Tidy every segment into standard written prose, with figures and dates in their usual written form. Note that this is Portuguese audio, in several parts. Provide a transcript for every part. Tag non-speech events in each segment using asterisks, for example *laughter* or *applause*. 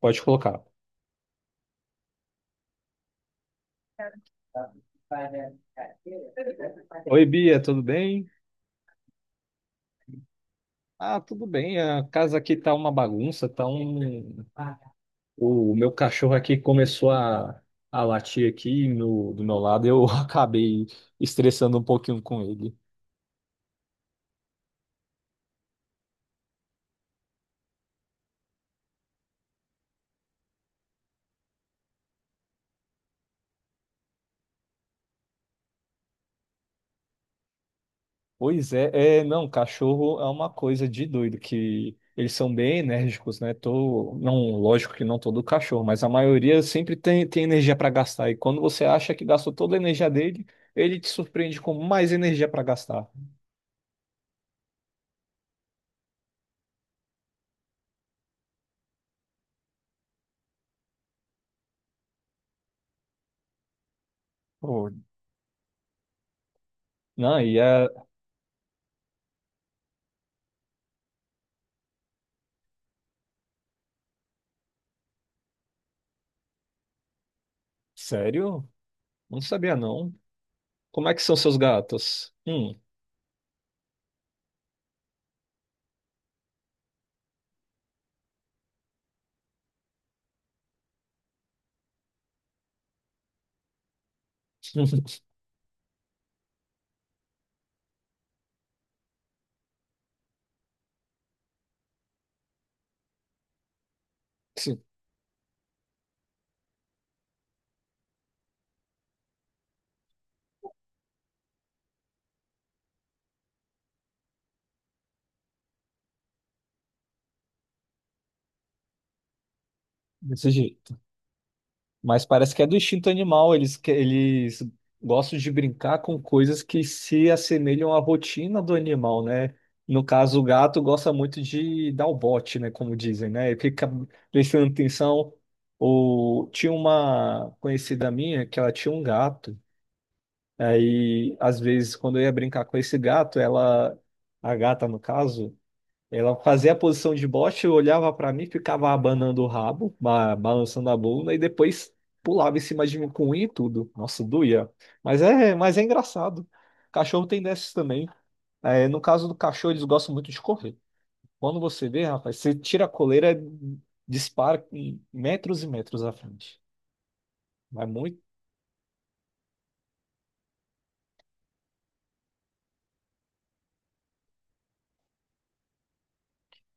Pode colocar. Oi, Bia, tudo bem? Ah, tudo bem. A casa aqui tá uma bagunça, tá O meu cachorro aqui começou a latir aqui do meu lado, eu *laughs* acabei estressando um pouquinho com ele. Pois não, cachorro é uma coisa de doido, que eles são bem enérgicos, né? Não, lógico que não todo cachorro, mas a maioria sempre tem energia para gastar. E quando você acha que gastou toda a energia dele, ele te surpreende com mais energia para gastar. Pô, não, e é sério? Não sabia não. Como é que são seus gatos? *laughs* Desse desse jeito. Mas parece que é do instinto animal, eles gostam de brincar com coisas que se assemelham à rotina do animal, né? No caso, o gato gosta muito de dar o bote, né, como dizem, né? E fica prestando atenção. Tinha uma conhecida minha que ela tinha um gato. Aí, às vezes, quando eu ia brincar com esse gato, a gata no caso, ela fazia a posição de bote, olhava pra mim, ficava abanando o rabo, balançando a bunda e depois pulava em cima de mim com unha e tudo. Nossa, doía. Mas é engraçado. Cachorro tem dessas também. É, no caso do cachorro, eles gostam muito de correr. Quando você vê, rapaz, você tira a coleira, dispara em metros e metros à frente. Mas muito,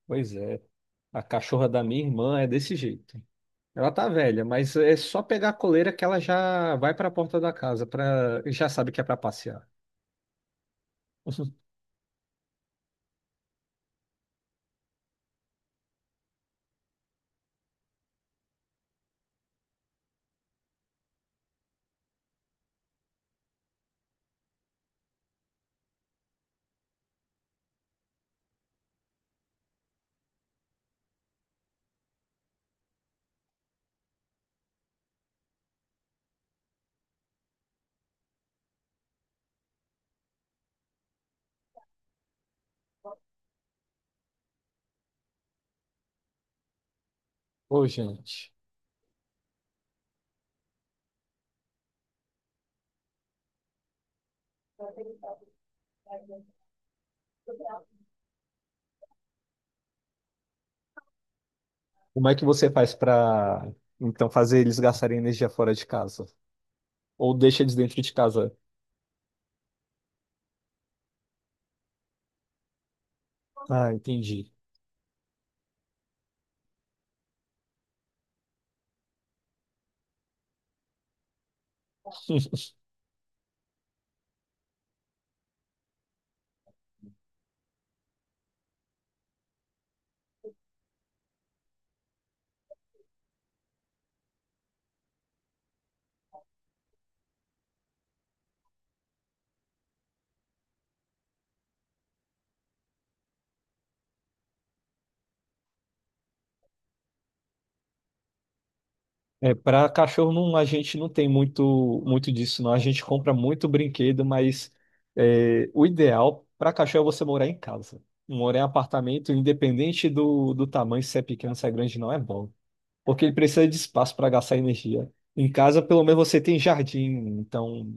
pois é. A cachorra da minha irmã é desse jeito. Ela tá velha, mas é só pegar a coleira que ela já vai para a porta da casa, para já sabe que é para passear. Ô, gente, como é que você faz para então fazer eles gastarem energia fora de casa? Ou deixa eles dentro de casa? Ah, entendi. É, para cachorro não, a gente não tem muito disso, não. A gente compra muito brinquedo, mas é, o ideal para cachorro é você morar em casa. Morar em apartamento, independente do tamanho, se é pequeno, se é grande, não é bom. Porque ele precisa de espaço para gastar energia. Em casa, pelo menos você tem jardim, então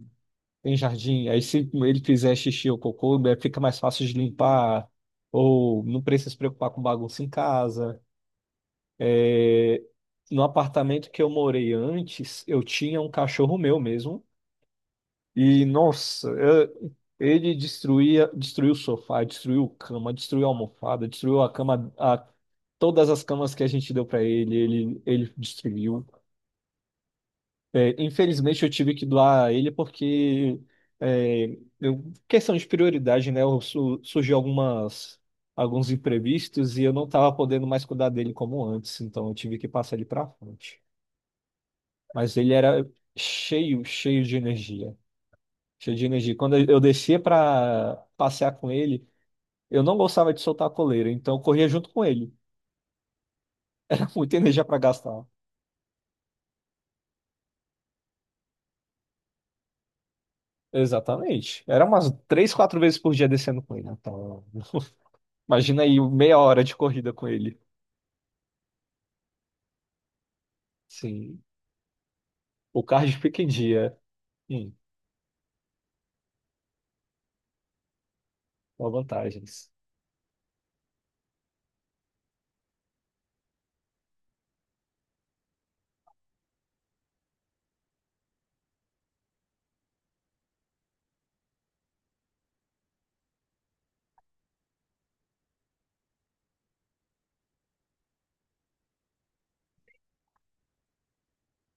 tem jardim. Aí se ele fizer xixi ou cocô, né, fica mais fácil de limpar, ou não precisa se preocupar com bagunça em casa. É, no apartamento que eu morei antes, eu tinha um cachorro meu mesmo, e nossa, ele destruía, destruiu o sofá, destruiu a cama, destruiu a almofada, destruiu todas as camas que a gente deu para ele, ele destruiu. É, infelizmente eu tive que doar ele porque é, questão de prioridade, né? Surgiu algumas alguns imprevistos e eu não estava podendo mais cuidar dele como antes, então eu tive que passar ele para frente. Mas ele era cheio de energia, cheio de energia. Quando eu descia para passear com ele, eu não gostava de soltar a coleira, então eu corria junto com ele. *laughs* Era muita energia para gastar. Exatamente. Era umas três, quatro vezes por dia descendo com ele, então. Imagina aí meia hora de corrida com ele. Sim. O cardio fica em dia. Sim, com vantagens.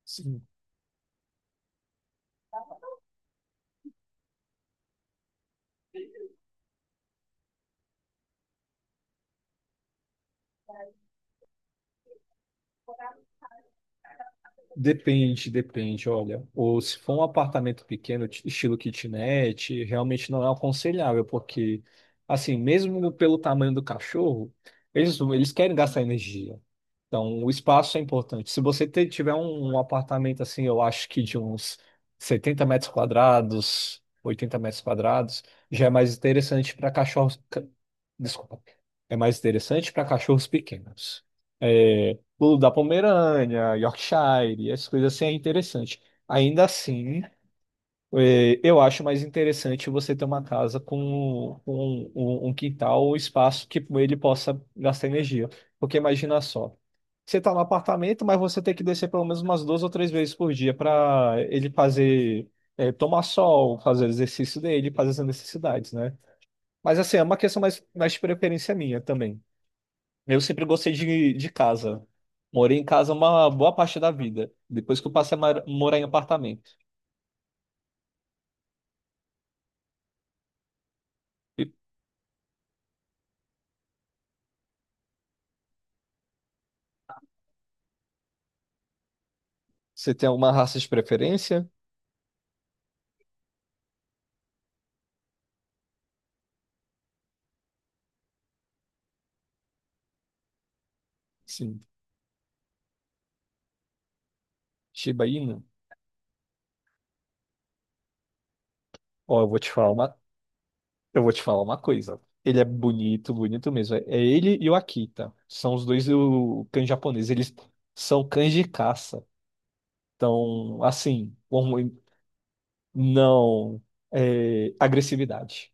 Sim. Depende, olha. Ou se for um apartamento pequeno, estilo kitnet, realmente não é aconselhável, porque, assim, mesmo pelo tamanho do cachorro, eles querem gastar energia. Então, o espaço é importante. Se você tiver um apartamento assim, eu acho que de uns 70 metros quadrados, 80 metros quadrados, já é mais interessante para cachorros. Desculpa. É mais interessante para cachorros pequenos. É, pulo da Pomerânia, Yorkshire, essas coisas assim é interessante. Ainda assim. É, eu acho mais interessante você ter uma casa com um quintal ou espaço que ele possa gastar energia. Porque imagina só, você está no apartamento, mas você tem que descer pelo menos umas duas ou três vezes por dia para ele fazer, é, tomar sol, fazer o exercício dele, fazer as necessidades, né? Mas assim, é uma questão mais de preferência minha também. Eu sempre gostei de casa. Morei em casa uma boa parte da vida, depois que eu passei a morar em apartamento. E você tem alguma raça de preferência? Sim. Shiba Inu. Ó, eu vou te falar uma coisa. Ele é bonito, bonito mesmo. É ele e o Akita. São os dois o cães japoneses. Eles são cães de caça. Então, assim, não é, agressividade.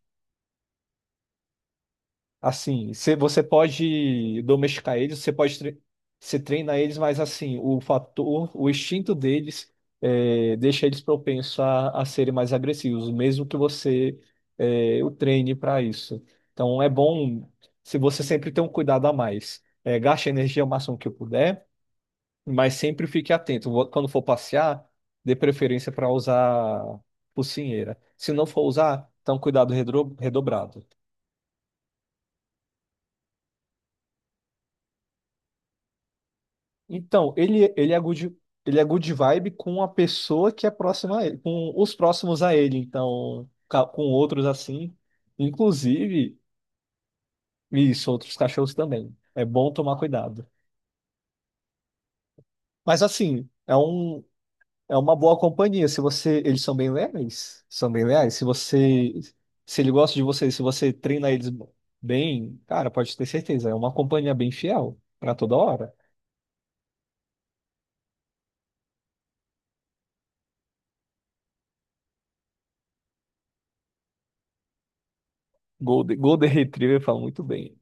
Assim, você pode domesticar eles, você treina eles, mas assim, o fator, o instinto deles é, deixa eles propensos a serem mais agressivos, mesmo que você é, o treine para isso. Então é bom se você sempre tem um cuidado a mais. É, gaste a energia o máximo que puder, mas sempre fique atento. Quando for passear, dê preferência para usar focinheira. Se não for usar, então cuidado redobrado. Então, ele é good vibe com a pessoa que é próxima a ele, com os próximos a ele, então, com outros assim, inclusive, isso, outros cachorros também. É bom tomar cuidado. Mas assim, é uma boa companhia. Se você, eles são bem leais, são bem leais. Se você, se ele gosta de você, se você treina eles bem, cara, pode ter certeza, é uma companhia bem fiel para toda hora. Golden, Golden Retriever fala muito bem.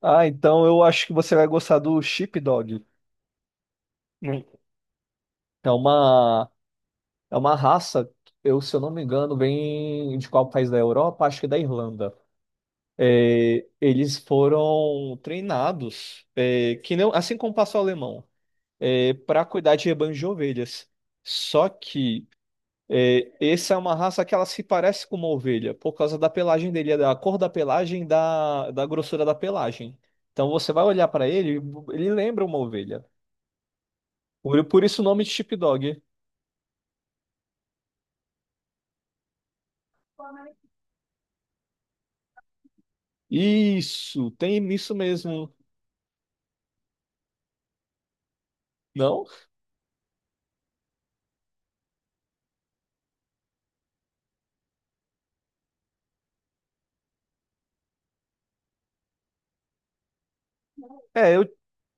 Ah, então eu acho que você vai gostar do Sheepdog. Hum. É uma, é uma raça, eu, se eu não me engano, vem de qual país da Europa? Acho que da Irlanda. É, eles foram treinados, é, que não, assim como o pastor alemão, para cuidar de rebanhos de ovelhas. Só que é, essa é uma raça que ela se parece com uma ovelha, por causa da pelagem dele, da cor da pelagem, da grossura da pelagem. Então você vai olhar para ele, ele lembra uma ovelha. Por isso o nome de chip dog. Isso, tem isso mesmo. Não? É, eu,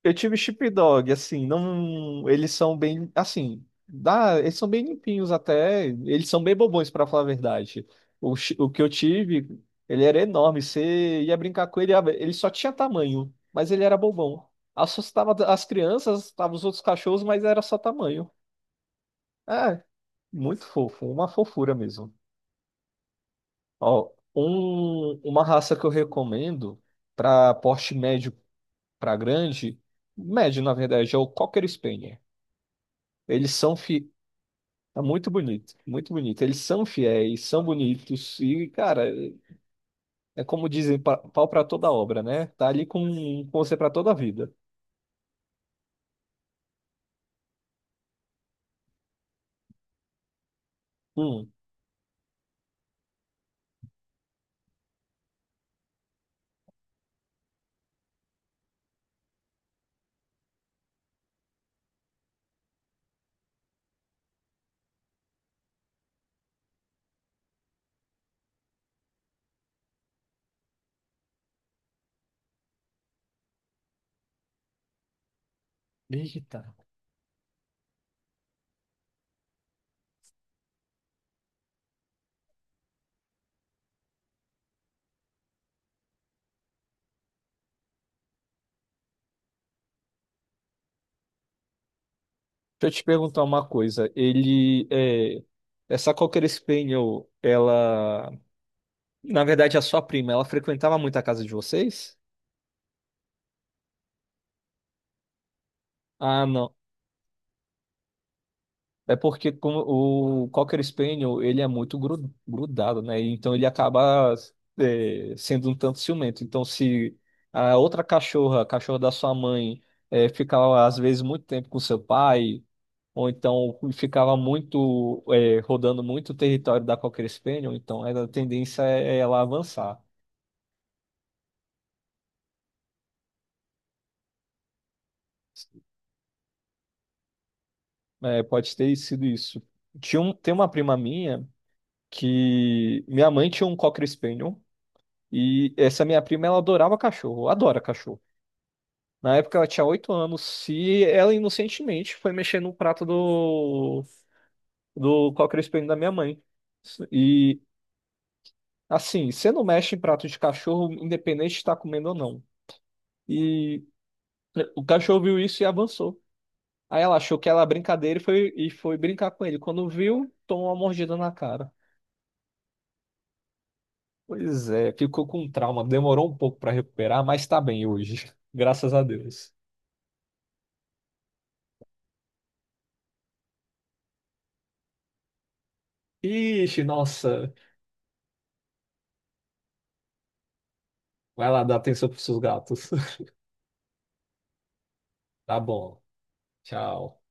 eu tive Chip dog, assim, não. Eles são bem. Assim, dá, eles são bem limpinhos até. Eles são bem bobões, pra falar a verdade. O que eu tive, ele era enorme. Você ia brincar com ele, ele só tinha tamanho, mas ele era bobão. Assustava as crianças, assustava os outros cachorros, mas era só tamanho. É, muito fofo, uma fofura mesmo. Ó, uma raça que eu recomendo para porte médio para grande, médio na verdade, é o Cocker Spaniel. Eles são fi... é muito bonito, muito bonito. Eles são fiéis, são bonitos e, cara, é como dizem, pau para toda obra, né? Tá ali com você para toda a vida. Hum. Eita. Deixa eu te perguntar uma coisa. Ele é essa Cocker Spaniel, na verdade, a sua prima, ela frequentava muito a casa de vocês? Ah, não. É porque como o Cocker Spaniel, ele é muito grudado, né? Então ele acaba é, sendo um tanto ciumento. Então se a outra cachorra, a cachorra da sua mãe, é, ficava às vezes muito tempo com seu pai, ou então ficava muito é, rodando muito o território da Cocker Spaniel, então a tendência é ela avançar. É, pode ter sido isso. Tem uma prima minha que minha mãe tinha um Cocker Spaniel. E essa minha prima, ela adorava cachorro, adora cachorro. Na época ela tinha 8 anos e ela inocentemente foi mexer no prato do cochrane da minha mãe. E assim, você não mexe em prato de cachorro, independente de estar comendo ou não. E é, o cachorro viu isso e avançou. Aí ela achou que era brincadeira e e foi brincar com ele. Quando viu, tomou uma mordida na cara. Pois é, ficou com trauma, demorou um pouco para recuperar, mas tá bem hoje, *laughs* graças a Deus. Ixi, nossa. Vai lá, dar atenção pros seus gatos. *laughs* Tá bom. Tchau.